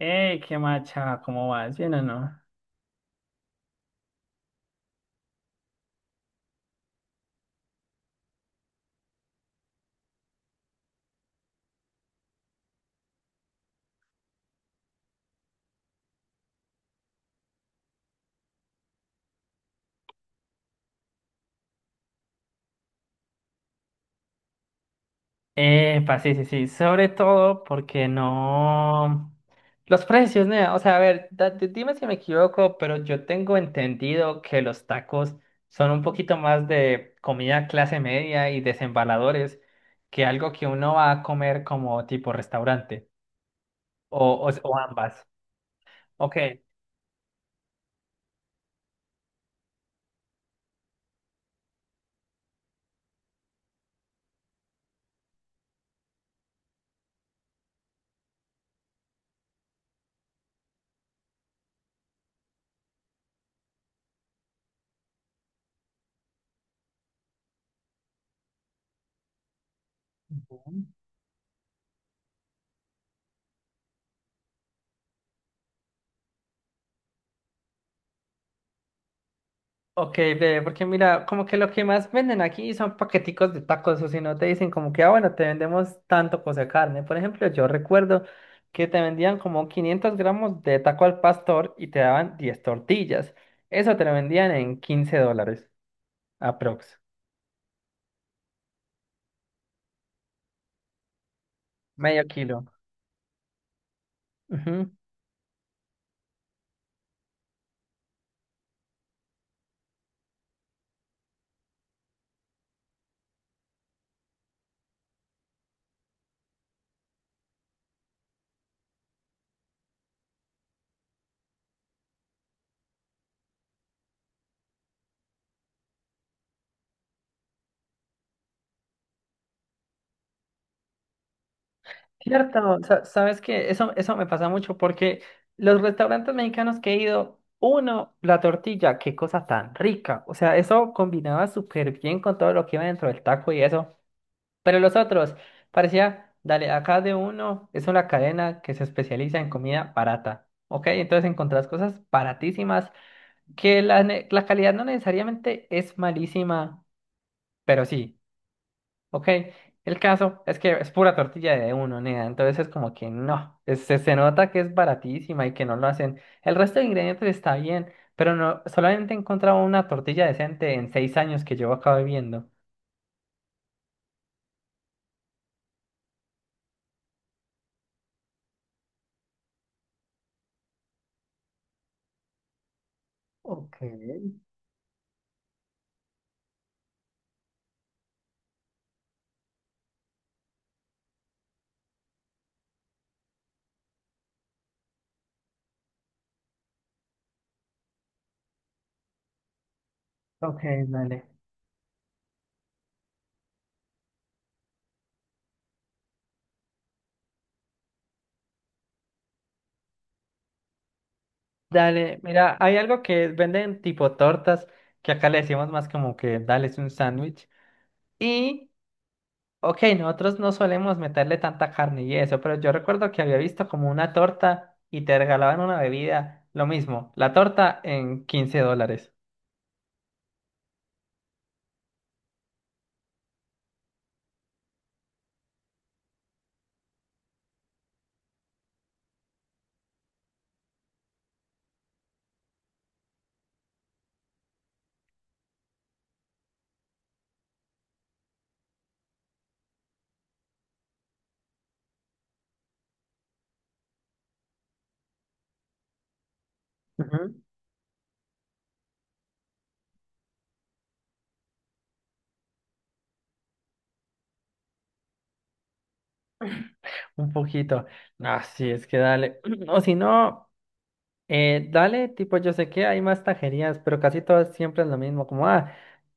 Qué macha, ¿cómo vas? ¿Bien o no? Epa, sí, sí, sí. Sobre todo porque no. Los precios, ¿no? O sea, a ver, dime si me equivoco, pero yo tengo entendido que los tacos son un poquito más de comida clase media y desembaladores que algo que uno va a comer como tipo restaurante o ambas. Ok. Ok, ve, porque mira, como que lo que más venden aquí son paqueticos de tacos, o si no te dicen como que, ah, bueno, te vendemos tanto cosa de carne. Por ejemplo, yo recuerdo que te vendían como 500 gramos de taco al pastor y te daban 10 tortillas. Eso te lo vendían en 15 dólares, aprox, medio kilo. Ujú. Cierto, sabes que eso me pasa mucho porque los restaurantes mexicanos que he ido, uno, la tortilla, qué cosa tan rica. O sea, eso combinaba súper bien con todo lo que iba dentro del taco y eso. Pero los otros, parecía, dale, acá de uno es una cadena que se especializa en comida barata. Ok, entonces encontrás cosas baratísimas que la calidad no necesariamente es malísima, pero sí. Ok, el caso es que es pura tortilla de uno, nea. Entonces es como que no, se nota que es baratísima y que no lo hacen. El resto de ingredientes está bien, pero no, solamente he encontrado una tortilla decente en 6 años que llevo acá viviendo. Ok. Ok, dale. Dale, mira, hay algo que venden tipo tortas, que acá le decimos más como que dale es un sándwich. Y ok, nosotros no solemos meterle tanta carne y eso, pero yo recuerdo que había visto como una torta y te regalaban una bebida, lo mismo, la torta en 15 dólares. Ujú. Un poquito. Ah, sí, es que dale. O si no, dale, tipo, yo sé que hay más tajerías, pero casi todas siempre es lo mismo, como, ah,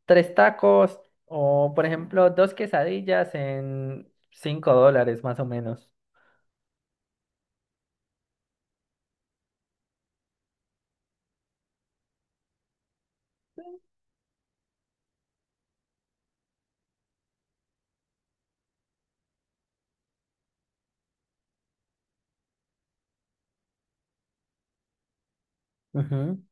tres tacos o, por ejemplo, dos quesadillas en 5 dólares más o menos. Ujú.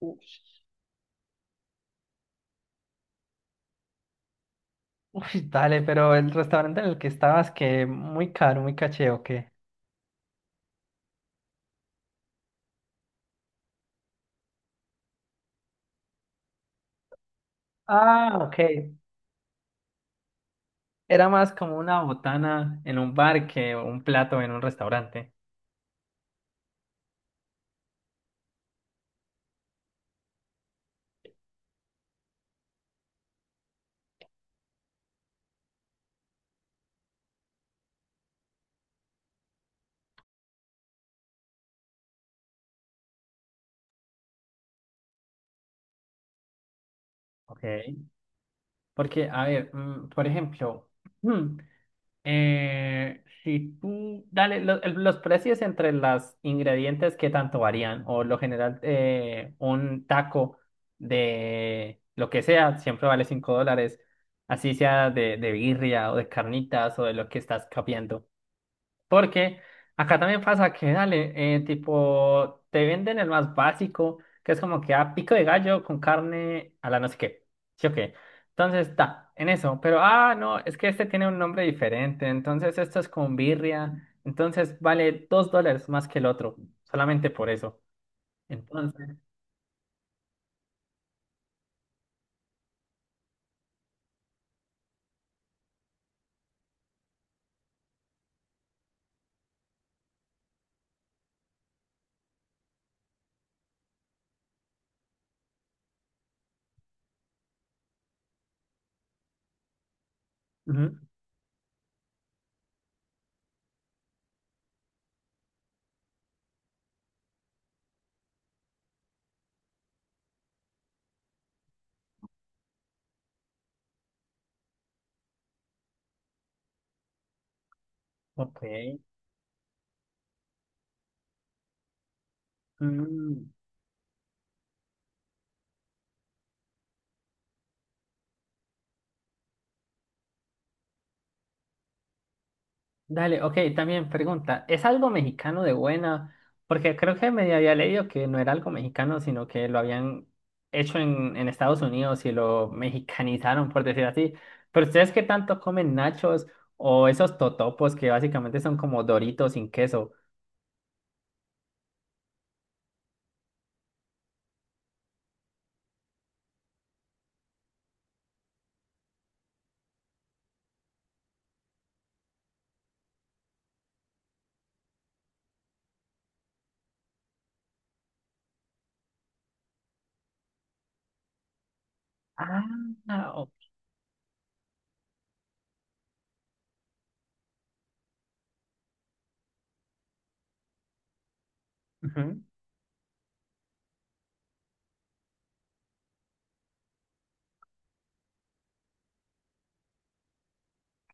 Ujú. Uy, dale, pero el restaurante en el que estabas, que muy caro, muy caché, ¿o qué? Ah, ok. Era más como una botana en un bar que un plato en un restaurante. Ok. Porque, a ver, por ejemplo, mm, si tú, dale, los precios entre los ingredientes, ¿qué tanto varían? O lo general, un taco de lo que sea, siempre vale 5 dólares, así sea de birria o de carnitas o de lo que estás capeando. Porque acá también pasa que, dale, tipo, te venden el más básico, que es como que a pico de gallo con carne a la no sé qué. ¿Sí o qué? Entonces, está, en eso. Pero, ah, no, es que este tiene un nombre diferente. Entonces, esto es con birria. Entonces, vale 2 dólares más que el otro, solamente por eso. Entonces, ujú, ok. mm, Dale, ok, también pregunta, ¿es algo mexicano de buena? Porque creo que medio había leído que no era algo mexicano, sino que lo habían hecho en Estados Unidos y lo mexicanizaron, por decir así. Pero ¿ustedes qué tanto comen nachos o esos totopos que básicamente son como doritos sin queso? Ah, o- ujú.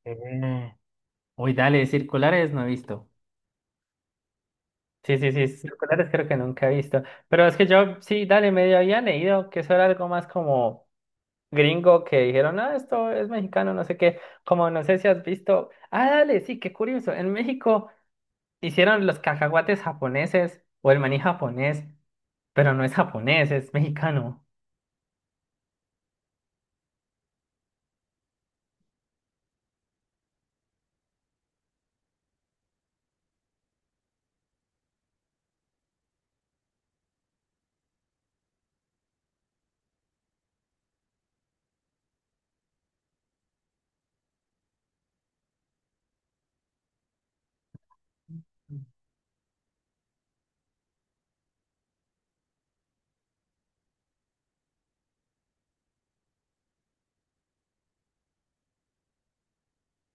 Eh, Uy, dale, circulares no he visto. Sí, sí, sí, circulares creo que nunca he visto. Pero es que yo sí, dale, medio había leído que eso era algo más como gringo que dijeron, ah, esto es mexicano, no sé qué, como no sé si has visto, ah, dale, sí, qué curioso, en México hicieron los cacahuates japoneses o el maní japonés, pero no es japonés, es mexicano.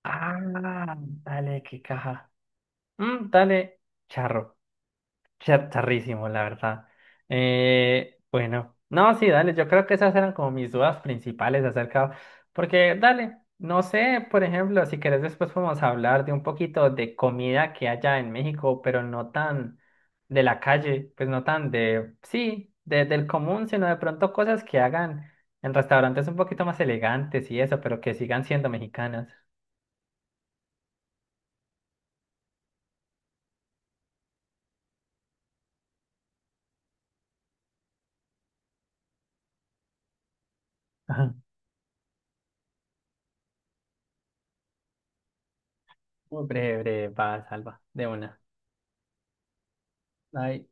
Ah, dale, qué caja. Dale, charro. Charrísimo, la verdad. Bueno, no, sí, dale, yo creo que esas eran como mis dudas principales acerca, porque dale, no sé, por ejemplo, si querés después podemos hablar de un poquito de comida que haya en México, pero no tan de la calle, pues no tan de, sí, del común, sino de pronto cosas que hagan en restaurantes un poquito más elegantes y eso, pero que sigan siendo mexicanas. Ajá. Breve, breve, va, salva, de una. Ay.